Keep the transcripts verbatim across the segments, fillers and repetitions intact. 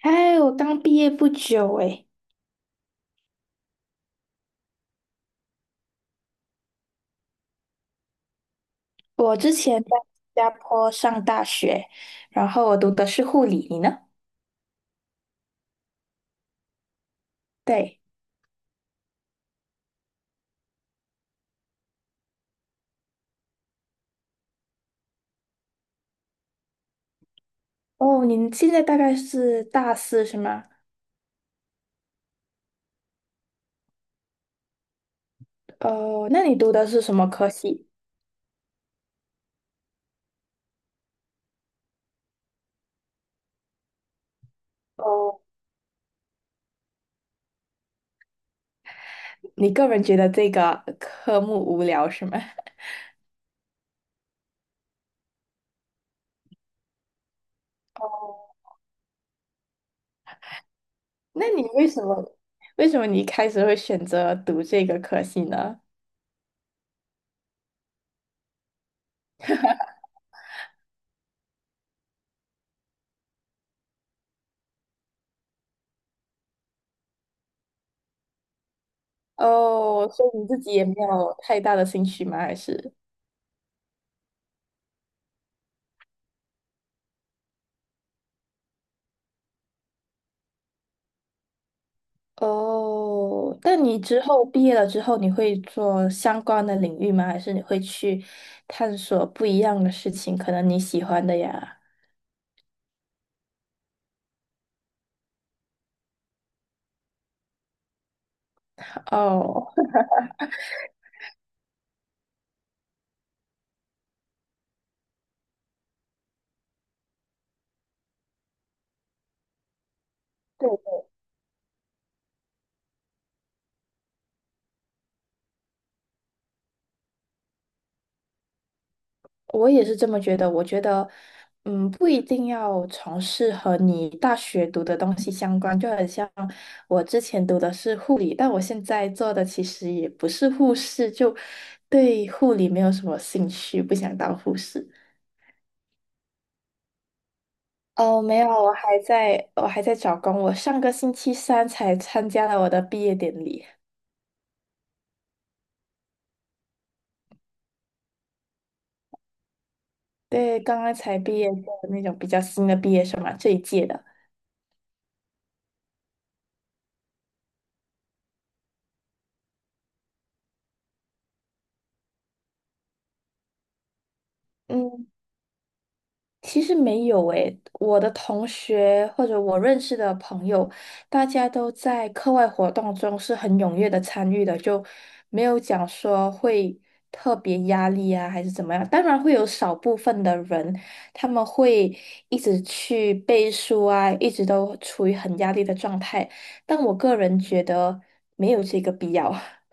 还我刚毕业不久诶，我之前在新加坡上大学，然后我读的是护理，你呢？对，哦，你现在大概是大四是吗？哦，那你读的是什么科系？哦，你个人觉得这个科目无聊是吗？哦，那你为什么为什么你一开始会选择读这个科系呢？哦，所以你自己也没有太大的兴趣吗？还是？哦，但你之后毕业了之后，你会做相关的领域吗？还是你会去探索不一样的事情？可能你喜欢的呀。哦，对，我也是这么觉得。我觉得，嗯，不一定要从事和你大学读的东西相关，就很像我之前读的是护理，但我现在做的其实也不是护士，就对护理没有什么兴趣，不想当护士。哦，没有，我还在，我还在找工。我上个星期三才参加了我的毕业典礼，对，刚刚才毕业的那种比较新的毕业生嘛，这一届的。嗯，其实没有诶，我的同学或者我认识的朋友，大家都在课外活动中是很踊跃的参与的，就没有讲说会特别压力啊，还是怎么样。当然会有少部分的人，他们会一直去背书啊，一直都处于很压力的状态，但我个人觉得没有这个必要。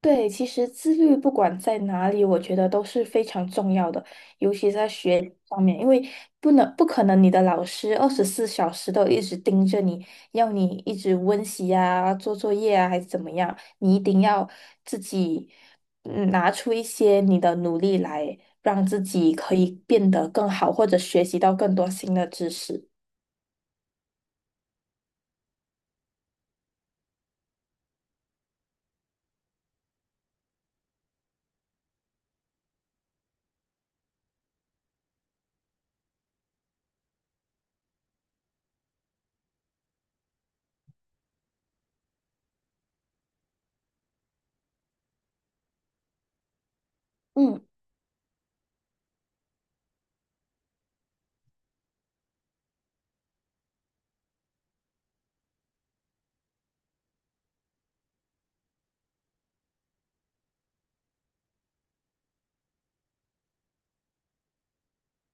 对，其实自律不管在哪里，我觉得都是非常重要的，尤其在学习方面，因为不能不可能你的老师二十四小时都一直盯着你，要你一直温习啊、做作业啊，还是怎么样，你一定要自己嗯拿出一些你的努力来，让自己可以变得更好，或者学习到更多新的知识。嗯。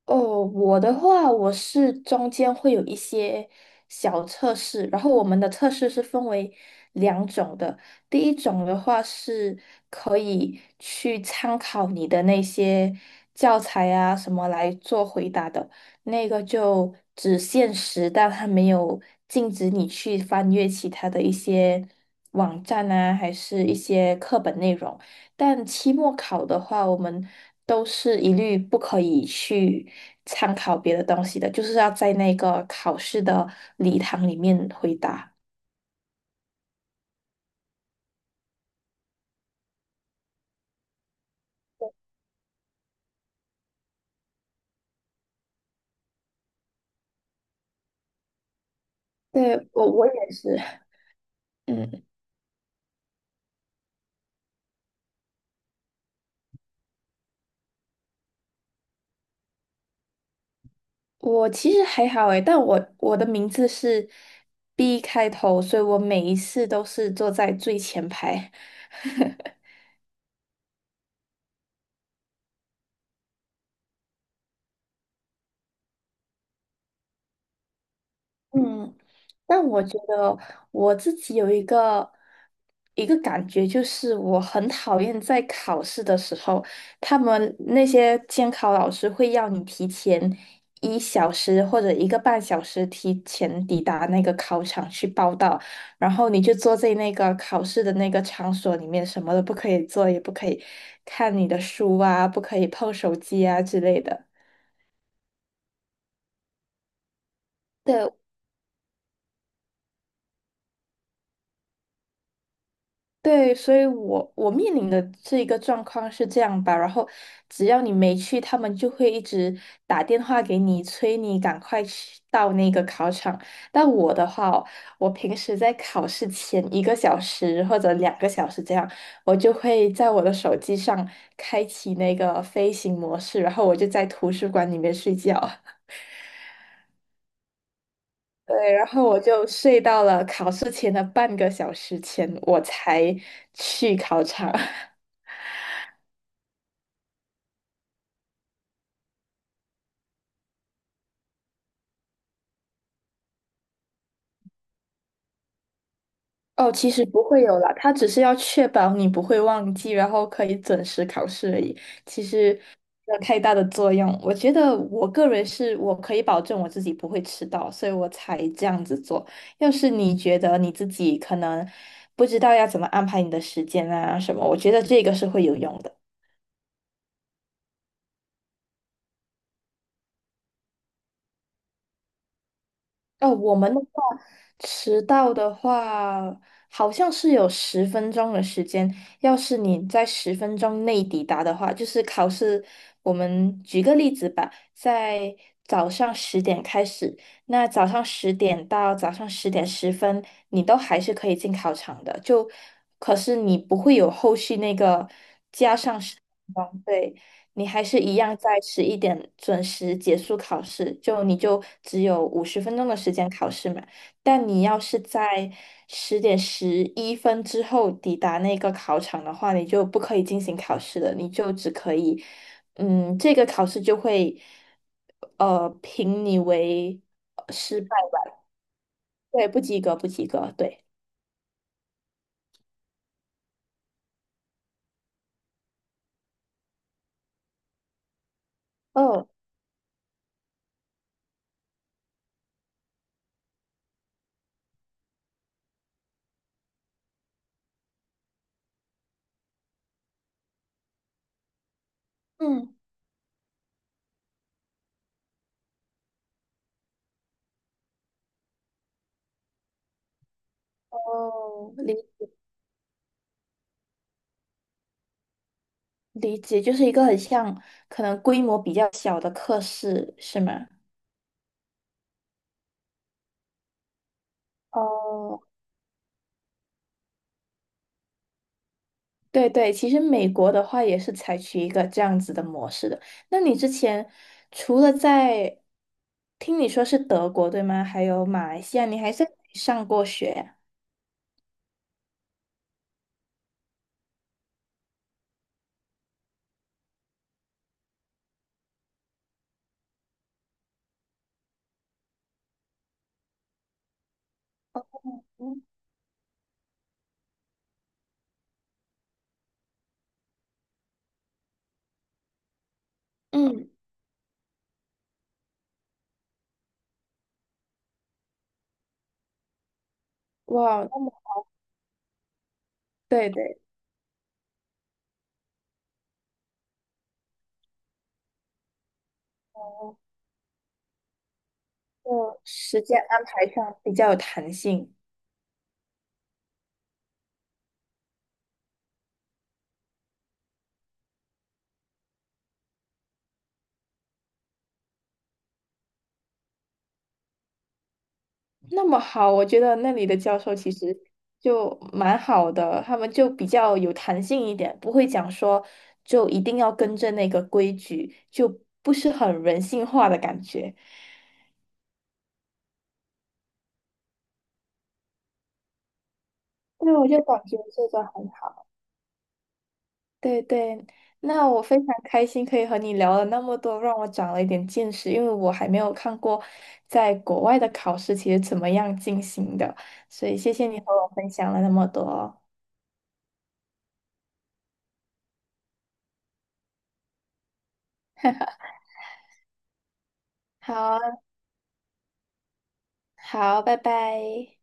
哦，我的话，我是中间会有一些小测试，然后我们的测试是分为两种的。第一种的话是可以去参考你的那些教材啊什么来做回答的，那个就只限时，但它没有禁止你去翻阅其他的一些网站啊，还是一些课本内容。但期末考的话，我们都是一律不可以去参考别的东西的，就是要在那个考试的礼堂里面回答。对，我我也是，嗯，我其实还好诶，但我我的名字是 B 开头，所以我每一次都是坐在最前排。嗯，那我觉得我自己有一个一个感觉，就是我很讨厌在考试的时候，他们那些监考老师会要你提前一小时或者一个半小时提前抵达那个考场去报到，然后你就坐在那个考试的那个场所里面，什么都不可以做，也不可以看你的书啊，不可以碰手机啊之类的。对。对，所以我我面临的这一个状况是这样吧，然后只要你没去，他们就会一直打电话给你，催你赶快去到那个考场。但我的话哦我平时在考试前一个小时或者两个小时这样，我就会在我的手机上开启那个飞行模式，然后我就在图书馆里面睡觉。对，然后我就睡到了考试前的半个小时前，我才去考场。哦，其实不会有啦，他只是要确保你不会忘记，然后可以准时考试而已。其实没有太大的作用。我觉得我个人是我可以保证我自己不会迟到，所以我才这样子做。要是你觉得你自己可能不知道要怎么安排你的时间啊什么，我觉得这个是会有用的。哦，我们的话，迟到的话，好像是有十分钟的时间。要是你在十分钟内抵达的话，就是考试。我们举个例子吧，在早上十点开始，那早上十点到早上十点十分，你都还是可以进考场的。就，可是你不会有后续那个加上十分钟，对。你还是一样在十一点准时结束考试，就你就只有五十分钟的时间考试嘛。但你要是在十点十一分之后抵达那个考场的话，你就不可以进行考试了，你就只可以，嗯，这个考试就会，呃，评你为呃失败吧，对，不及格，不及格，对。哦，嗯，哦，理理解，就是一个很像可能规模比较小的课室，是吗？哦，对对，其实美国的话也是采取一个这样子的模式的。那你之前除了在，听你说是德国，对吗？还有马来西亚，你还在上过学呀？嗯，嗯，哇，那么对对，就时间安排上比较有弹性。那么好，我觉得那里的教授其实就蛮好的，他们就比较有弹性一点，不会讲说就一定要跟着那个规矩，就不是很人性化的感觉。对，我就感觉这个很好。对对，那我非常开心可以和你聊了那么多，让我长了一点见识，因为我还没有看过在国外的考试其实怎么样进行的，所以谢谢你和我分享了那么多。好啊，好，拜拜。